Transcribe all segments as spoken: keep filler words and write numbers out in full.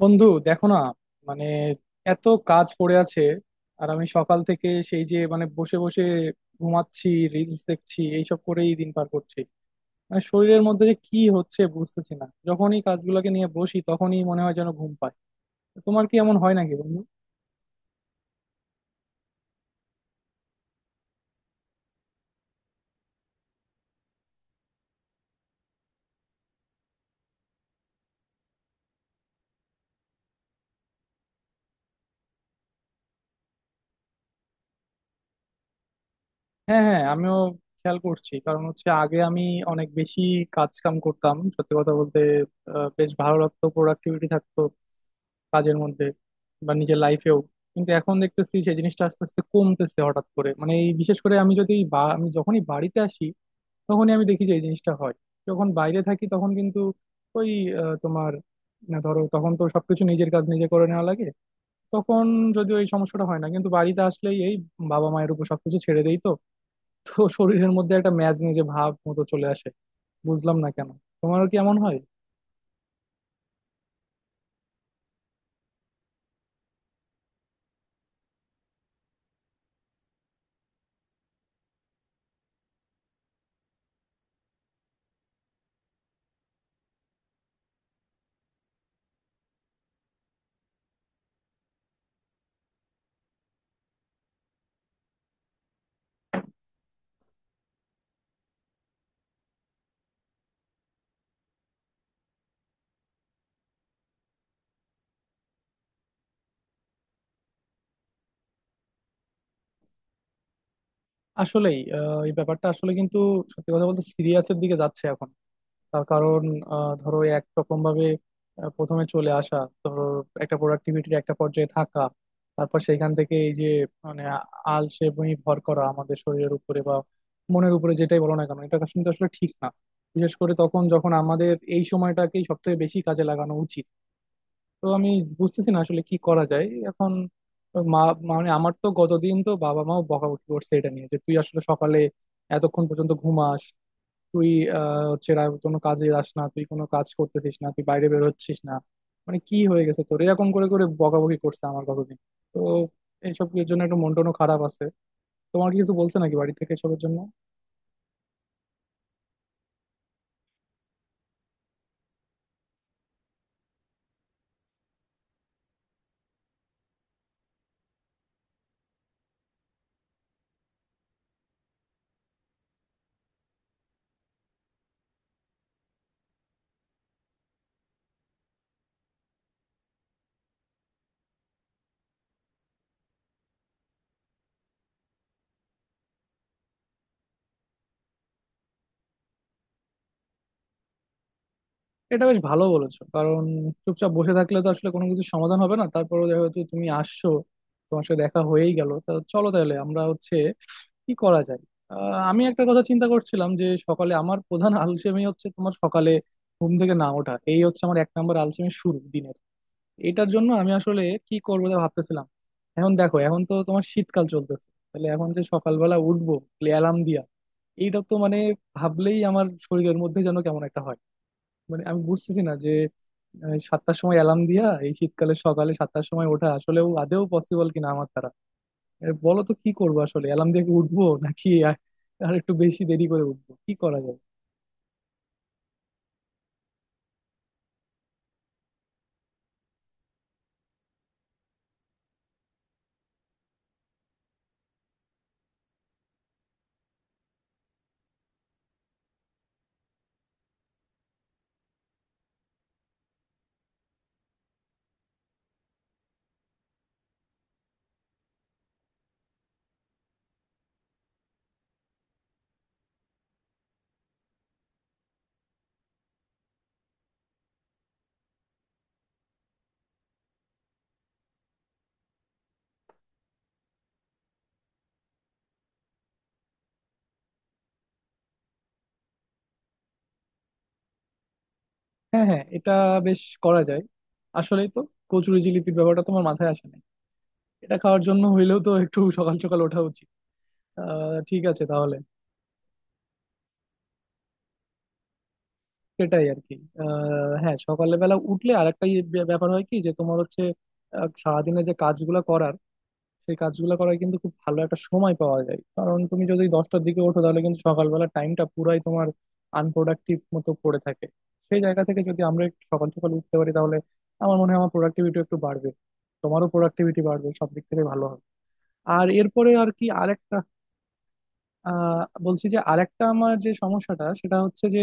বন্ধু, দেখো না, মানে, এত কাজ পড়ে আছে। আর আমি সকাল থেকে সেই যে মানে বসে বসে ঘুমাচ্ছি, রিলস দেখছি, এইসব করেই দিন পার করছি। মানে শরীরের মধ্যে যে কি হচ্ছে বুঝতেছি না, যখনই কাজগুলোকে নিয়ে বসি তখনই মনে হয় যেন ঘুম পায়। তো তোমার কি এমন হয় নাকি বন্ধু? হ্যাঁ, হ্যাঁ, আমিও খেয়াল করছি। কারণ হচ্ছে আগে আমি অনেক বেশি কাজ কাম করতাম, সত্যি কথা বলতে। আহ, বেশ ভালো লাগতো, প্রোডাক্টিভিটি থাকতো কাজের মধ্যে বা নিজের লাইফেও। কিন্তু এখন দেখতেছি সেই জিনিসটা আস্তে আস্তে কমতেছে হঠাৎ করে। মানে এই বিশেষ করে আমি যদি বা- আমি যখনই বাড়িতে আসি তখনই আমি দেখি যে এই জিনিসটা হয়। যখন বাইরে থাকি তখন কিন্তু ওই আহ, তোমার, না ধরো, তখন তো সবকিছু নিজের কাজ নিজে করে নেওয়া লাগে। তখন যদিও এই সমস্যাটা হয় না, কিন্তু বাড়িতে আসলেই এই বাবা মায়ের উপর সবকিছু ছেড়ে দেই তো তো শরীরের মধ্যে একটা ম্যাজ নিজে ভাব মতো চলে আসে, বুঝলাম না কেন। তোমারও কি এমন হয়? আসলেই আহ, এই ব্যাপারটা আসলে কিন্তু, সত্যি কথা বলতে, সিরিয়াসের দিকে যাচ্ছে এখন। তার কারণ আহ, ধরো একরকম ভাবে আহ, প্রথমে চলে আসা, ধরো, একটা প্রোডাক্টিভিটির একটা পর্যায়ে থাকা, তারপর সেইখান থেকে এই যে মানে আ- আলসে বমি ভর করা আমাদের শরীরের উপরে বা মনের উপরে, যেটাই বলো না কেন, এটা কিন্তু আসলে ঠিক না। বিশেষ করে তখন যখন আমাদের এই সময়টাকেই সব থেকে বেশি কাজে লাগানো উচিত। তো আমি বুঝতেছি না আসলে কি করা যায় এখন। মা মানে আমার তো গতদিন তো বাবা মাও বকাবকি করছে এটা নিয়ে যে তুই আসলে সকালে এতক্ষণ পর্যন্ত ঘুমাস, তুই আহ হচ্ছে রা- কোনো কাজে যাস না, তুই কোনো কাজ করতেছিস না, তুই বাইরে বের হচ্ছিস না, মানে কি হয়ে গেছে তোর, এরকম করে করে বকাবকি করছে আমার কতদিন। তো এইসব এর জন্য একটু মন টনও খারাপ আছে। তোমার কি কিছু বলছে নাকি বাড়ি থেকে এসবের জন্য? এটা বেশ ভালো বলেছো। কারণ চুপচাপ বসে থাকলে তো আসলে কোনো কিছু সমাধান হবে না। তারপরে যেহেতু তুমি আসছো, তোমার সাথে দেখা হয়েই গেল, তা চলো তাহলে আমরা হচ্ছে কি করা যায়। আহ, আমি একটা কথা চিন্তা করছিলাম যে সকালে আমার প্রধান আলসেমি হচ্ছে, তোমার সকালে ঘুম থেকে না ওঠা, এই হচ্ছে আমার এক নম্বর আলসেমি শুরু দিনের। এটার জন্য আমি আসলে কি করবো তা ভাবতেছিলাম। এখন দেখো, এখন তো তোমার শীতকাল চলতেছে, তাহলে এখন যে সকালবেলা উঠবো অ্যালার্ম দিয়া, এইটা তো মানে ভাবলেই আমার শরীরের মধ্যে যেন কেমন একটা হয়। মানে আমি বুঝতেছি না যে আহ, সাতটার সময় অ্যালার্ম দিয়া এই শীতকালে সকালে সাতটার সময় ওঠা আসলেও আদেও পসিবল কিনা আমার দ্বারা। এ, বলো তো কি করবো আসলে, অ্যালার্ম দিয়ে কি উঠবো নাকি আর আর একটু বেশি দেরি করে উঠবো, কি করা যায়? হ্যাঁ, হ্যাঁ, এটা বেশ করা যায়। আসলেই তো, কচুরি জিলিপির ব্যাপারটা তোমার মাথায় আসে নাই। এটা খাওয়ার জন্য হইলেও তো একটু সকাল সকাল ওঠা উচিত। আহ ঠিক আছে তাহলে। সেটাই আর কি। আহ হ্যাঁ, সকালবেলা উঠলে আর একটা ব্যাপার হয় কি যে তোমার হচ্ছে আহ, সারাদিনে যে কাজগুলো করার সেই কাজগুলো করার কিন্তু খুব ভালো একটা সময় পাওয়া যায়। কারণ তুমি যদি দশটার দিকে ওঠো, তাহলে কিন্তু সকালবেলা টাইমটা পুরাই তোমার আনপ্রোডাক্টিভ মতো পড়ে থাকে। সেই জায়গা থেকে যদি আমরা একটু সকাল সকাল উঠতে পারি তাহলে আমার মনে হয় আমার প্রোডাক্টিভিটি একটু বাড়বে, তোমারও প্রোডাক্টিভিটি বাড়বে, সব দিক থেকে ভালো হবে। আর এরপরে আর কি আরেকটা আহ বলছি যে আরেকটা আমার যে সমস্যাটা সেটা হচ্ছে যে,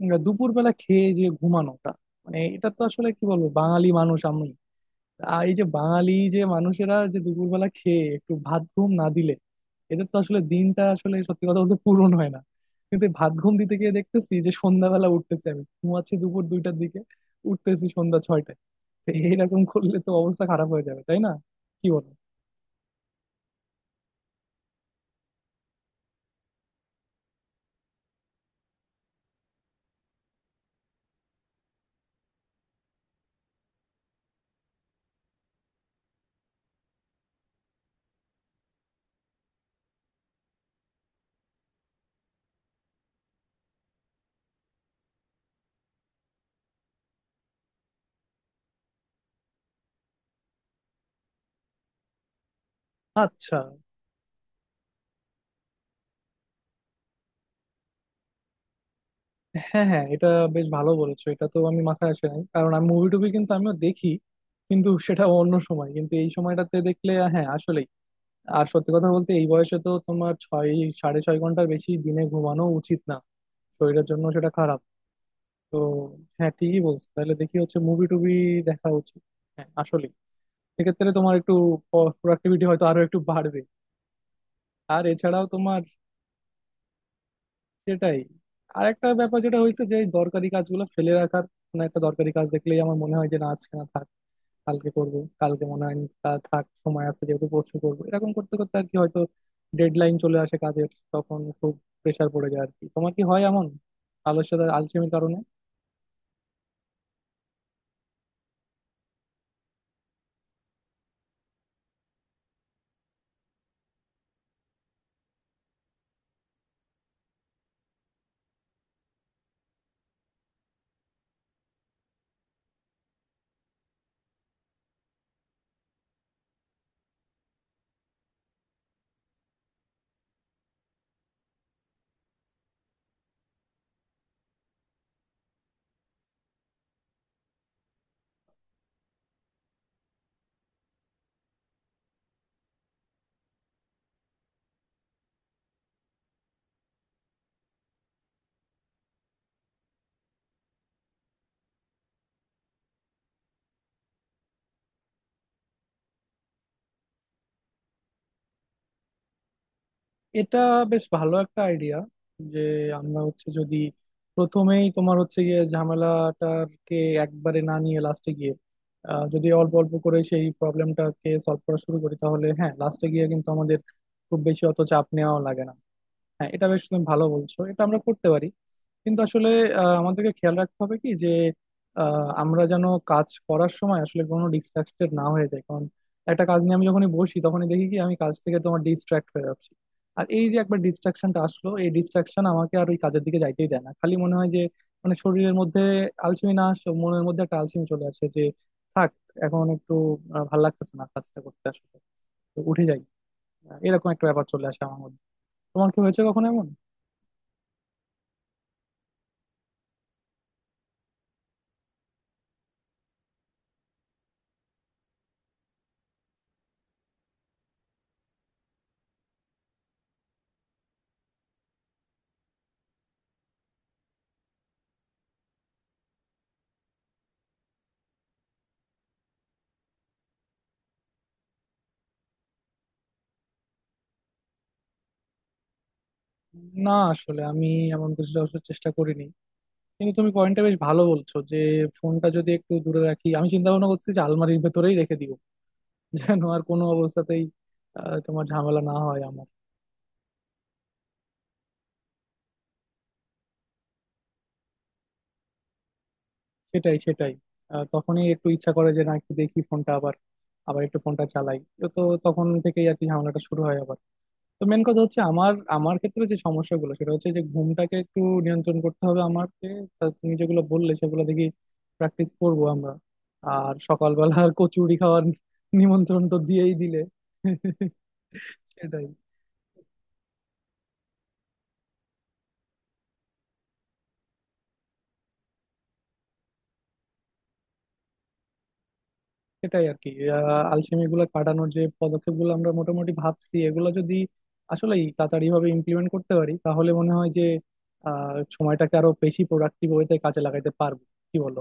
উম, দুপুরবেলা খেয়ে যে ঘুমানোটা, মানে এটা তো আসলে কি বলবো, বাঙালি মানুষ আমি। আহ, এই যে বাঙালি যে মানুষেরা যে দুপুরবেলা খেয়ে একটু ভাত ঘুম না দিলে এদের তো আসলে দিনটা আসলে সত্যি কথা বলতে পূরণ হয় না। কিন্তু এই ভাত ঘুম দিতে গিয়ে দেখতেছি যে সন্ধ্যাবেলা উঠতেছি, আমি ঘুমাচ্ছি দুপুর দুইটার দিকে, উঠতেছি সন্ধ্যা ছয়টায়। তো এইরকম করলে তো অবস্থা খারাপ হয়ে যাবে, তাই না? কি বলো? আচ্ছা। হ্যাঁ, হ্যাঁ, এটা বেশ ভালো বলেছো। এটা তো আমি মাথায় আসে নাই, কারণ আমি মুভি টুভি কিন্তু আমিও দেখি, কিন্তু সেটা অন্য সময়, কিন্তু এই সময়টাতে দেখলে হ্যাঁ আসলে। আর সত্যি কথা বলতে এই বয়সে তো তোমার ছয় সাড়ে ছয় ঘন্টার বেশি দিনে ঘুমানো উচিত না, শরীরের জন্য সেটা খারাপ। তো হ্যাঁ, ঠিকই বলছো, তাহলে দেখি হচ্ছে মুভি টুভি দেখা উচিত। হ্যাঁ আসলে সেক্ষেত্রে তোমার একটু প্রোডাক্টিভিটি হয়তো আরো একটু বাড়বে। আর এছাড়াও তোমার সেটাই। আর একটা ব্যাপার যেটা হয়েছে যে এই দরকারি কাজগুলো ফেলে রাখার, কোনো একটা দরকারি কাজ দেখলেই আমার মনে হয় যে না আজকে না থাক, কালকে করব। কালকে মনে হয় তা থাক, সময় আছে যেহেতু পরশু করবো, এরকম করতে করতে আর কি হয়তো ডেডলাইন চলে আসে কাজের, তখন খুব প্রেসার পড়ে যায় আর কি। তোমার কি হয় এমন আলস্যতার আলসেমির কারণে? এটা বেশ ভালো একটা আইডিয়া, যে আমরা হচ্ছে যদি প্রথমেই তোমার হচ্ছে গিয়ে ঝামেলাটাকে একবারে না নিয়ে লাস্টে গিয়ে আহ, যদি অল্প অল্প করে সেই প্রবলেমটাকে সলভ করা শুরু করি তাহলে হ্যাঁ লাস্টে গিয়ে কিন্তু আমাদের খুব বেশি অত চাপ নেওয়াও লাগে না। হ্যাঁ, এটা বেশ, তুমি ভালো বলছো, এটা আমরা করতে পারি। কিন্তু আসলে আহ, আমাদেরকে খেয়াল রাখতে হবে কি যে আহ, আমরা যেন কাজ করার সময় আসলে কোনো ডিস্ট্রাক্টেড না হয়ে যায়। কারণ একটা কাজ নিয়ে আমি যখনই বসি তখনই দেখি কি আমি কাজ থেকে তোমার ডিস্ট্রাক্ট হয়ে যাচ্ছি। আর এই যে একবার ডিস্ট্রাকশনটা আসলো, এই ডিস্ট্রাকশন আমাকে আর ওই কাজের দিকে যাইতেই দেয় না। খালি মনে হয় যে মানে শরীরের মধ্যে আলসেমি না আসে, মনের মধ্যে একটা আলসেমি চলে আসে যে থাক, এখন একটু আহ, ভাল লাগতেছে না কাজটা করতে আসলে, তো উঠে যাই। আহ, এরকম একটা ব্যাপার চলে আসে আমার মধ্যে। তোমার কি হয়েছে কখনো এমন? না আসলে আমি এমন কিছু অবশ্য চেষ্টা করিনি। কিন্তু তুমি পয়েন্টটা বেশ ভালো বলছো, যে ফোনটা যদি একটু দূরে রাখি। আমি চিন্তা ভাবনা করছি যে আলমারির ভেতরেই রেখে দিব যেন আর কোনো অবস্থাতেই আহ, তোমার ঝামেলা না হয় আমার। সেটাই, সেটাই। আহ, তখনই একটু ইচ্ছা করে যে না একটু দেখি ফোনটা, আবার আবার একটু ফোনটা চালাই। তো তখন থেকেই আর কি ঝামেলাটা শুরু হয় আবার। তো মেন কথা হচ্ছে আমার আমার ক্ষেত্রে যে সমস্যাগুলো সেটা হচ্ছে যে ঘুমটাকে একটু নিয়ন্ত্রণ করতে হবে আমাকে। তা তুমি যেগুলো বললে সেগুলো দেখি প্র্যাকটিস করব আমরা। আর সকালবেলা আর কচুরি খাওয়ার নিমন্ত্রণ তো দিয়েই দিলে। সেটাই, সেটাই আর কি। আহ, আলসেমি গুলো কাটানোর যে পদক্ষেপ গুলো আমরা মোটামুটি ভাবছি, এগুলো যদি আসলে তাড়াতাড়ি ভাবে ইমপ্লিমেন্ট করতে পারি তাহলে মনে হয় যে আহ সময়টাকে আরো বেশি প্রোডাক্টিভ ওয়েতে কাজে লাগাতে পারবো। কি বলো?